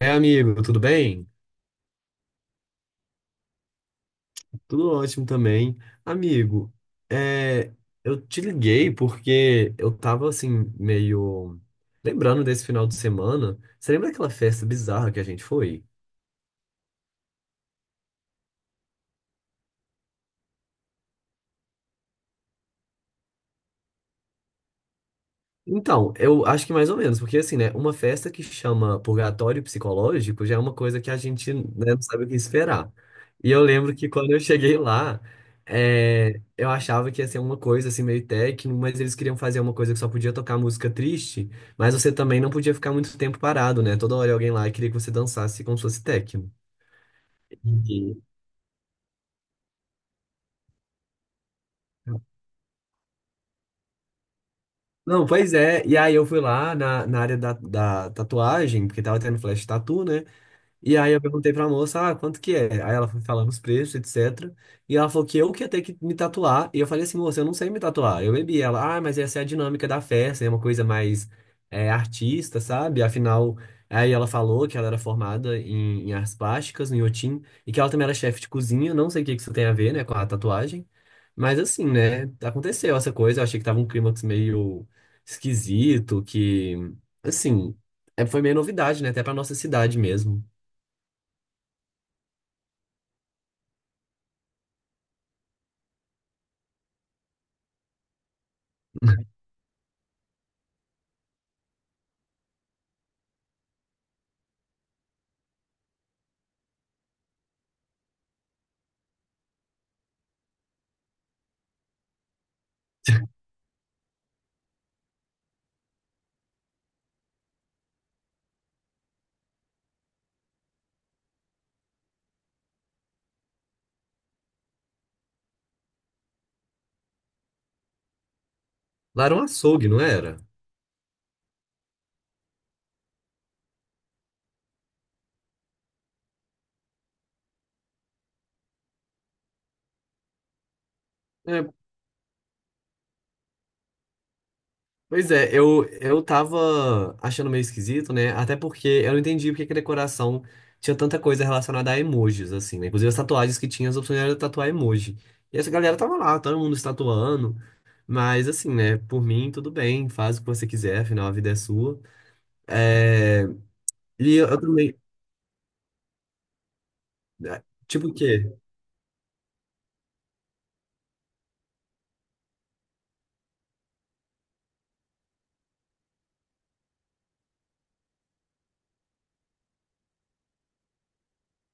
É, amigo, tudo bem? Tudo ótimo também. Amigo, é, eu te liguei porque eu tava assim, meio lembrando desse final de semana. Você lembra daquela festa bizarra que a gente foi? Então, eu acho que mais ou menos, porque assim, né, uma festa que chama purgatório psicológico já é uma coisa que a gente, né, não sabe o que esperar. E eu lembro que quando eu cheguei lá, eu achava que ia ser uma coisa assim meio técnico, mas eles queriam fazer uma coisa que só podia tocar música triste, mas você também não podia ficar muito tempo parado, né? Toda hora alguém lá queria que você dançasse como se fosse técnico. E- Não, pois é. E aí eu fui lá na área da tatuagem, porque tava tendo flash tattoo, né? E aí eu perguntei pra moça, ah, quanto que é? Aí ela foi falando os preços, etc. E ela falou que eu que ia ter que me tatuar. E eu falei assim, moça, eu não sei me tatuar. Eu bebi. Ela, ah, mas essa é a dinâmica da festa, é uma coisa mais artista, sabe? Afinal, aí ela falou que ela era formada em artes plásticas, no Inhotim, e que ela também era chefe de cozinha. Não sei o que que isso tem a ver, né, com a tatuagem. Mas assim, né, aconteceu essa coisa. Eu achei que tava um clímax meio esquisito, que, assim, foi meio novidade, né, até pra nossa cidade mesmo. Lá era um açougue, não era? É, pois é, eu tava achando meio esquisito, né? Até porque eu não entendi porque que a decoração tinha tanta coisa relacionada a emojis, assim, né? Inclusive as tatuagens que tinha, as opções era tatuar emoji. E essa galera tava lá, todo mundo se tatuando. Mas assim, né? Por mim, tudo bem, faz o que você quiser, afinal a vida é sua. É. E eu também. Tipo o quê?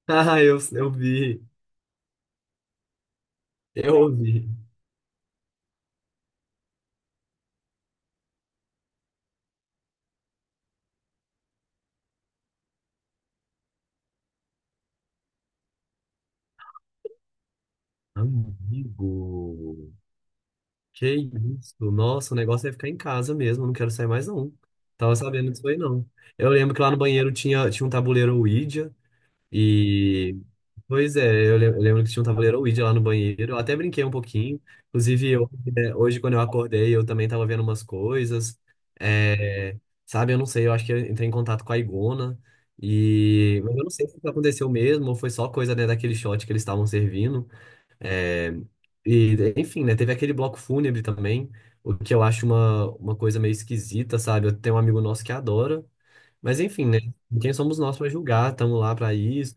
Ah, eu vi. Eu vi. Amigo. Que isso? Nossa, o negócio é ficar em casa mesmo, eu não quero sair mais não. Tava sabendo disso aí não. Eu lembro que lá no banheiro tinha um tabuleiro Ouija e... Pois é, eu lembro que tinha um tabuleiro Ouija lá no banheiro. Eu até brinquei um pouquinho. Inclusive, hoje quando eu acordei, eu também tava vendo umas coisas. É, sabe, eu não sei, eu acho que eu entrei em contato com a Igona. E... Mas eu não sei se isso aconteceu mesmo ou foi só coisa, né, daquele shot que eles estavam servindo. É, e, enfim, né? Teve aquele bloco fúnebre também, o que eu acho uma coisa meio esquisita, sabe? Eu tenho um amigo nosso que adora, mas enfim, né? Quem somos nós para julgar? Estamos lá para isso.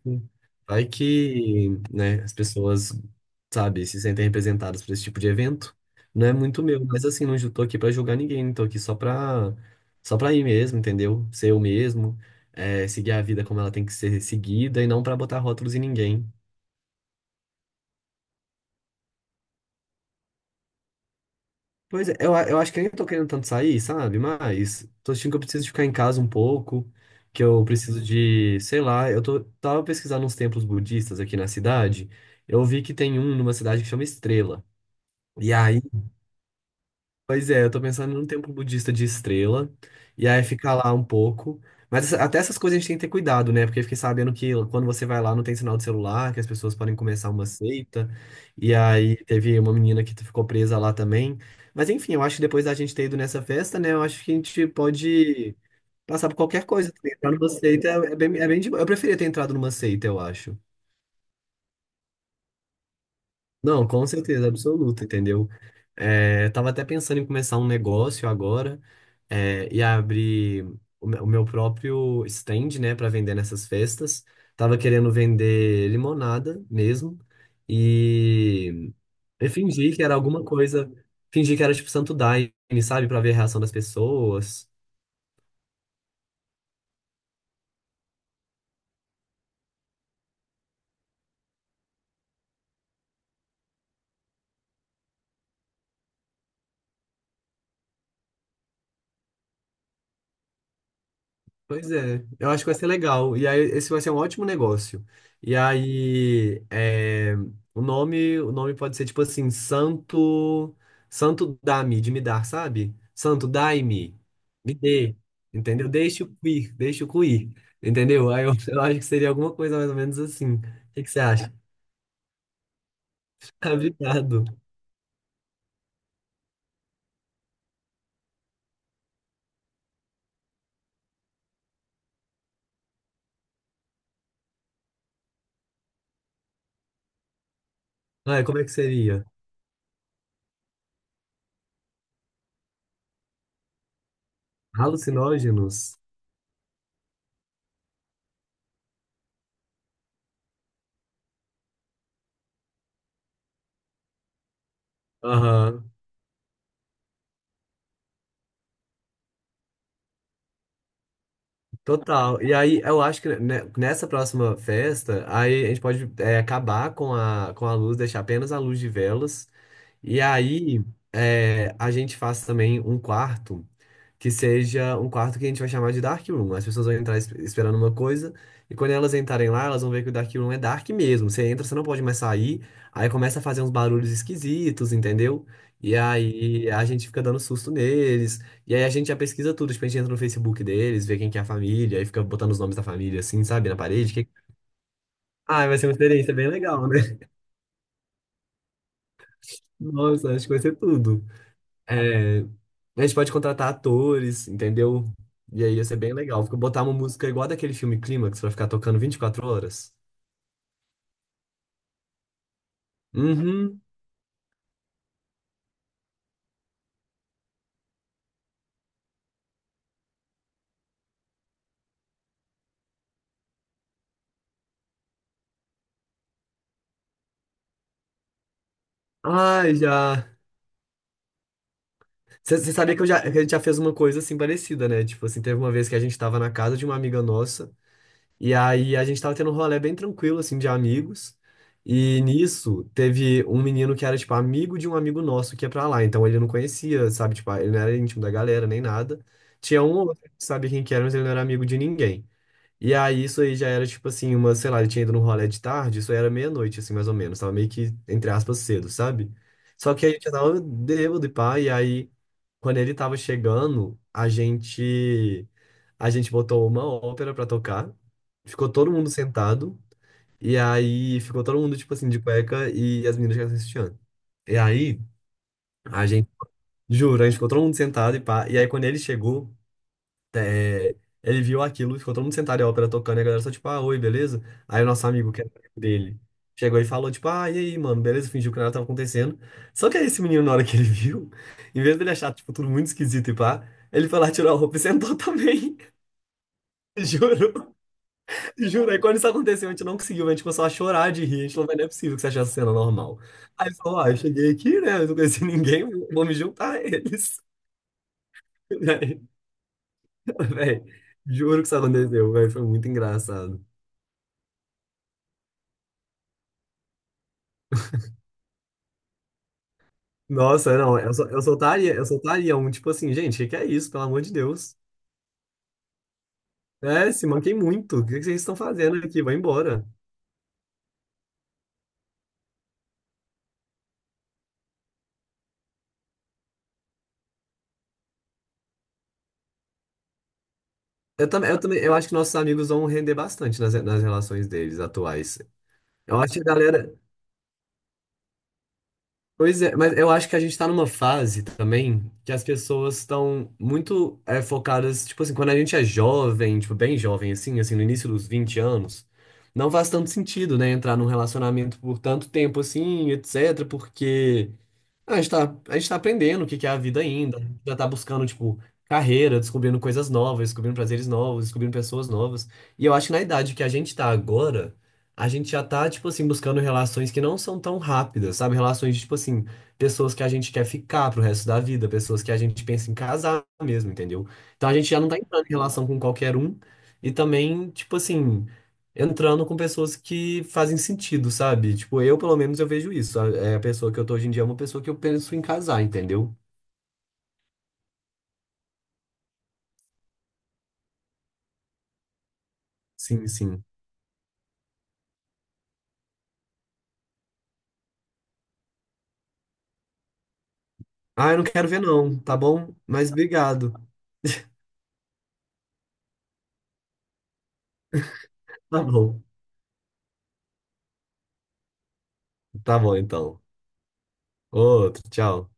Vai que, né, as pessoas, sabe, se sentem representadas por esse tipo de evento. Não é muito meu, mas assim, não ju- tô aqui para julgar ninguém, tô aqui só pra ir mesmo, entendeu? Ser eu mesmo, seguir a vida como ela tem que ser seguida e não para botar rótulos em ninguém. Pois é, eu acho que nem tô querendo tanto sair, sabe? Mas tô sentindo que eu preciso de ficar em casa um pouco, que eu preciso de, sei lá, tava pesquisando uns templos budistas aqui na cidade, eu vi que tem um numa cidade que chama Estrela. E aí pois é, eu tô pensando num templo budista de estrela, e aí ficar lá um pouco. Até essas coisas a gente tem que ter cuidado, né? Porque eu fiquei sabendo que quando você vai lá não tem sinal de celular, que as pessoas podem começar uma seita. E aí teve uma menina que ficou presa lá também. Mas enfim, eu acho que depois da gente ter ido nessa festa, né? Eu acho que a gente pode passar por qualquer coisa. Também. Entrar numa seita é bem de... boa. Eu preferia ter entrado numa seita, eu acho. Não, com certeza absoluta, entendeu? É, eu tava até pensando em começar um negócio agora, e abrir o meu próprio stand, né, para vender nessas festas. Tava querendo vender limonada mesmo e, e fingir que era alguma coisa, fingir que era tipo Santo Daime, sabe, para ver a reação das pessoas. Pois é, eu acho que vai ser legal. E aí, esse vai ser um ótimo negócio. E aí, o nome pode ser tipo assim, Santo, Santo Dá-me, de me dar, sabe? Santo dai-me, me dê, entendeu? Deixa o cuir, entendeu? Aí eu acho que seria alguma coisa mais ou menos assim. O que que você acha? Obrigado. Ah, como é que seria? Alucinógenos? Aham. Total. E aí, eu acho que nessa próxima festa, aí a gente pode acabar com a luz, deixar apenas a luz de velas. E aí, a gente faz também um quarto que seja um quarto que a gente vai chamar de Dark Room. As pessoas vão entrar esperando uma coisa, e quando elas entrarem lá, elas vão ver que o Dark Room é dark mesmo. Você entra, você não pode mais sair, aí começa a fazer uns barulhos esquisitos, entendeu? E aí a gente fica dando susto neles, e aí a gente já pesquisa tudo, tipo, a gente entra no Facebook deles, vê quem que é a família, aí fica botando os nomes da família, assim, sabe, na parede. Que- Ah, vai ser uma experiência bem legal, né? Nossa, acho que vai ser tudo. É, a gente pode contratar atores, entendeu? E aí ia ser bem legal. Fica botar uma música igual daquele filme Clímax pra ficar tocando 24 horas. Uhum. Ai, já. Você sabia que, eu já, que a gente já fez uma coisa assim parecida, né? Tipo assim, teve uma vez que a gente tava na casa de uma amiga nossa, e aí a gente tava tendo um rolê bem tranquilo, assim, de amigos. E nisso teve um menino que era, tipo, amigo de um amigo nosso que ia pra lá. Então ele não conhecia, sabe? Tipo, ele não era íntimo da galera nem nada. Tinha um ou outro que sabia quem que era, mas ele não era amigo de ninguém. E aí, isso aí já era tipo assim, uma, sei lá, ele tinha ido no rolê de tarde, isso aí era meia-noite, assim, mais ou menos. Tava meio que, entre aspas, cedo, sabe? Só que a gente tava bêbado e pá, e aí, quando ele tava chegando, a gente botou uma ópera pra tocar, ficou todo mundo sentado, e aí ficou todo mundo, tipo assim, de cueca e as meninas já assistindo. E aí, a gente, juro, a gente ficou todo mundo sentado e pá, e aí quando ele chegou, é, ele viu aquilo, ficou todo mundo sentado e a ópera tocando, e a galera só tipo, ah, oi, beleza? Aí o nosso amigo, que era amigo dele, chegou e falou, tipo, ah, e aí, mano, beleza? Fingiu que nada tava acontecendo. Só que aí esse menino, na hora que ele viu, em vez dele achar, tipo, tudo muito esquisito e pá, ele foi lá, tirou a roupa e sentou também. Juro, juro. Aí quando isso aconteceu, a gente não conseguiu, a gente começou a chorar de rir, a gente falou, "Mas não é possível que você achou essa cena normal. Aí ele falou, ah, eu cheguei aqui, né, eu não conheci ninguém, vou me juntar a eles. Véi, véi, juro que isso aconteceu, véi, foi muito engraçado. Nossa, não, eu soltaria um tipo assim, gente, o que que é isso? Pelo amor de Deus. É, se manquem muito. O que que vocês estão fazendo aqui? Vai embora. Eu também, eu também, eu acho que nossos amigos vão render bastante nas, nas relações deles atuais. Eu acho que a galera, pois é, mas eu acho que a gente tá numa fase também que as pessoas estão muito focadas, tipo assim, quando a gente é jovem, tipo, bem jovem, assim, assim, no início dos 20 anos, não faz tanto sentido, né, entrar num relacionamento por tanto tempo assim, etc, porque a gente tá aprendendo o que que é a vida ainda, já tá buscando, tipo, carreira, descobrindo coisas novas, descobrindo prazeres novos, descobrindo pessoas novas, e eu acho que na idade que a gente tá agora, a gente já tá, tipo assim, buscando relações que não são tão rápidas, sabe? Relações de, tipo assim, pessoas que a gente quer ficar pro resto da vida, pessoas que a gente pensa em casar mesmo, entendeu? Então a gente já não tá entrando em relação com qualquer um e também, tipo assim, entrando com pessoas que fazem sentido, sabe? Tipo, eu, pelo menos, eu vejo isso. É a pessoa que eu tô hoje em dia é uma pessoa que eu penso em casar, entendeu? Sim, sim. Ah, eu não quero ver não, tá bom? Mas obrigado. Tá bom. Tá bom, então. Outro, tchau.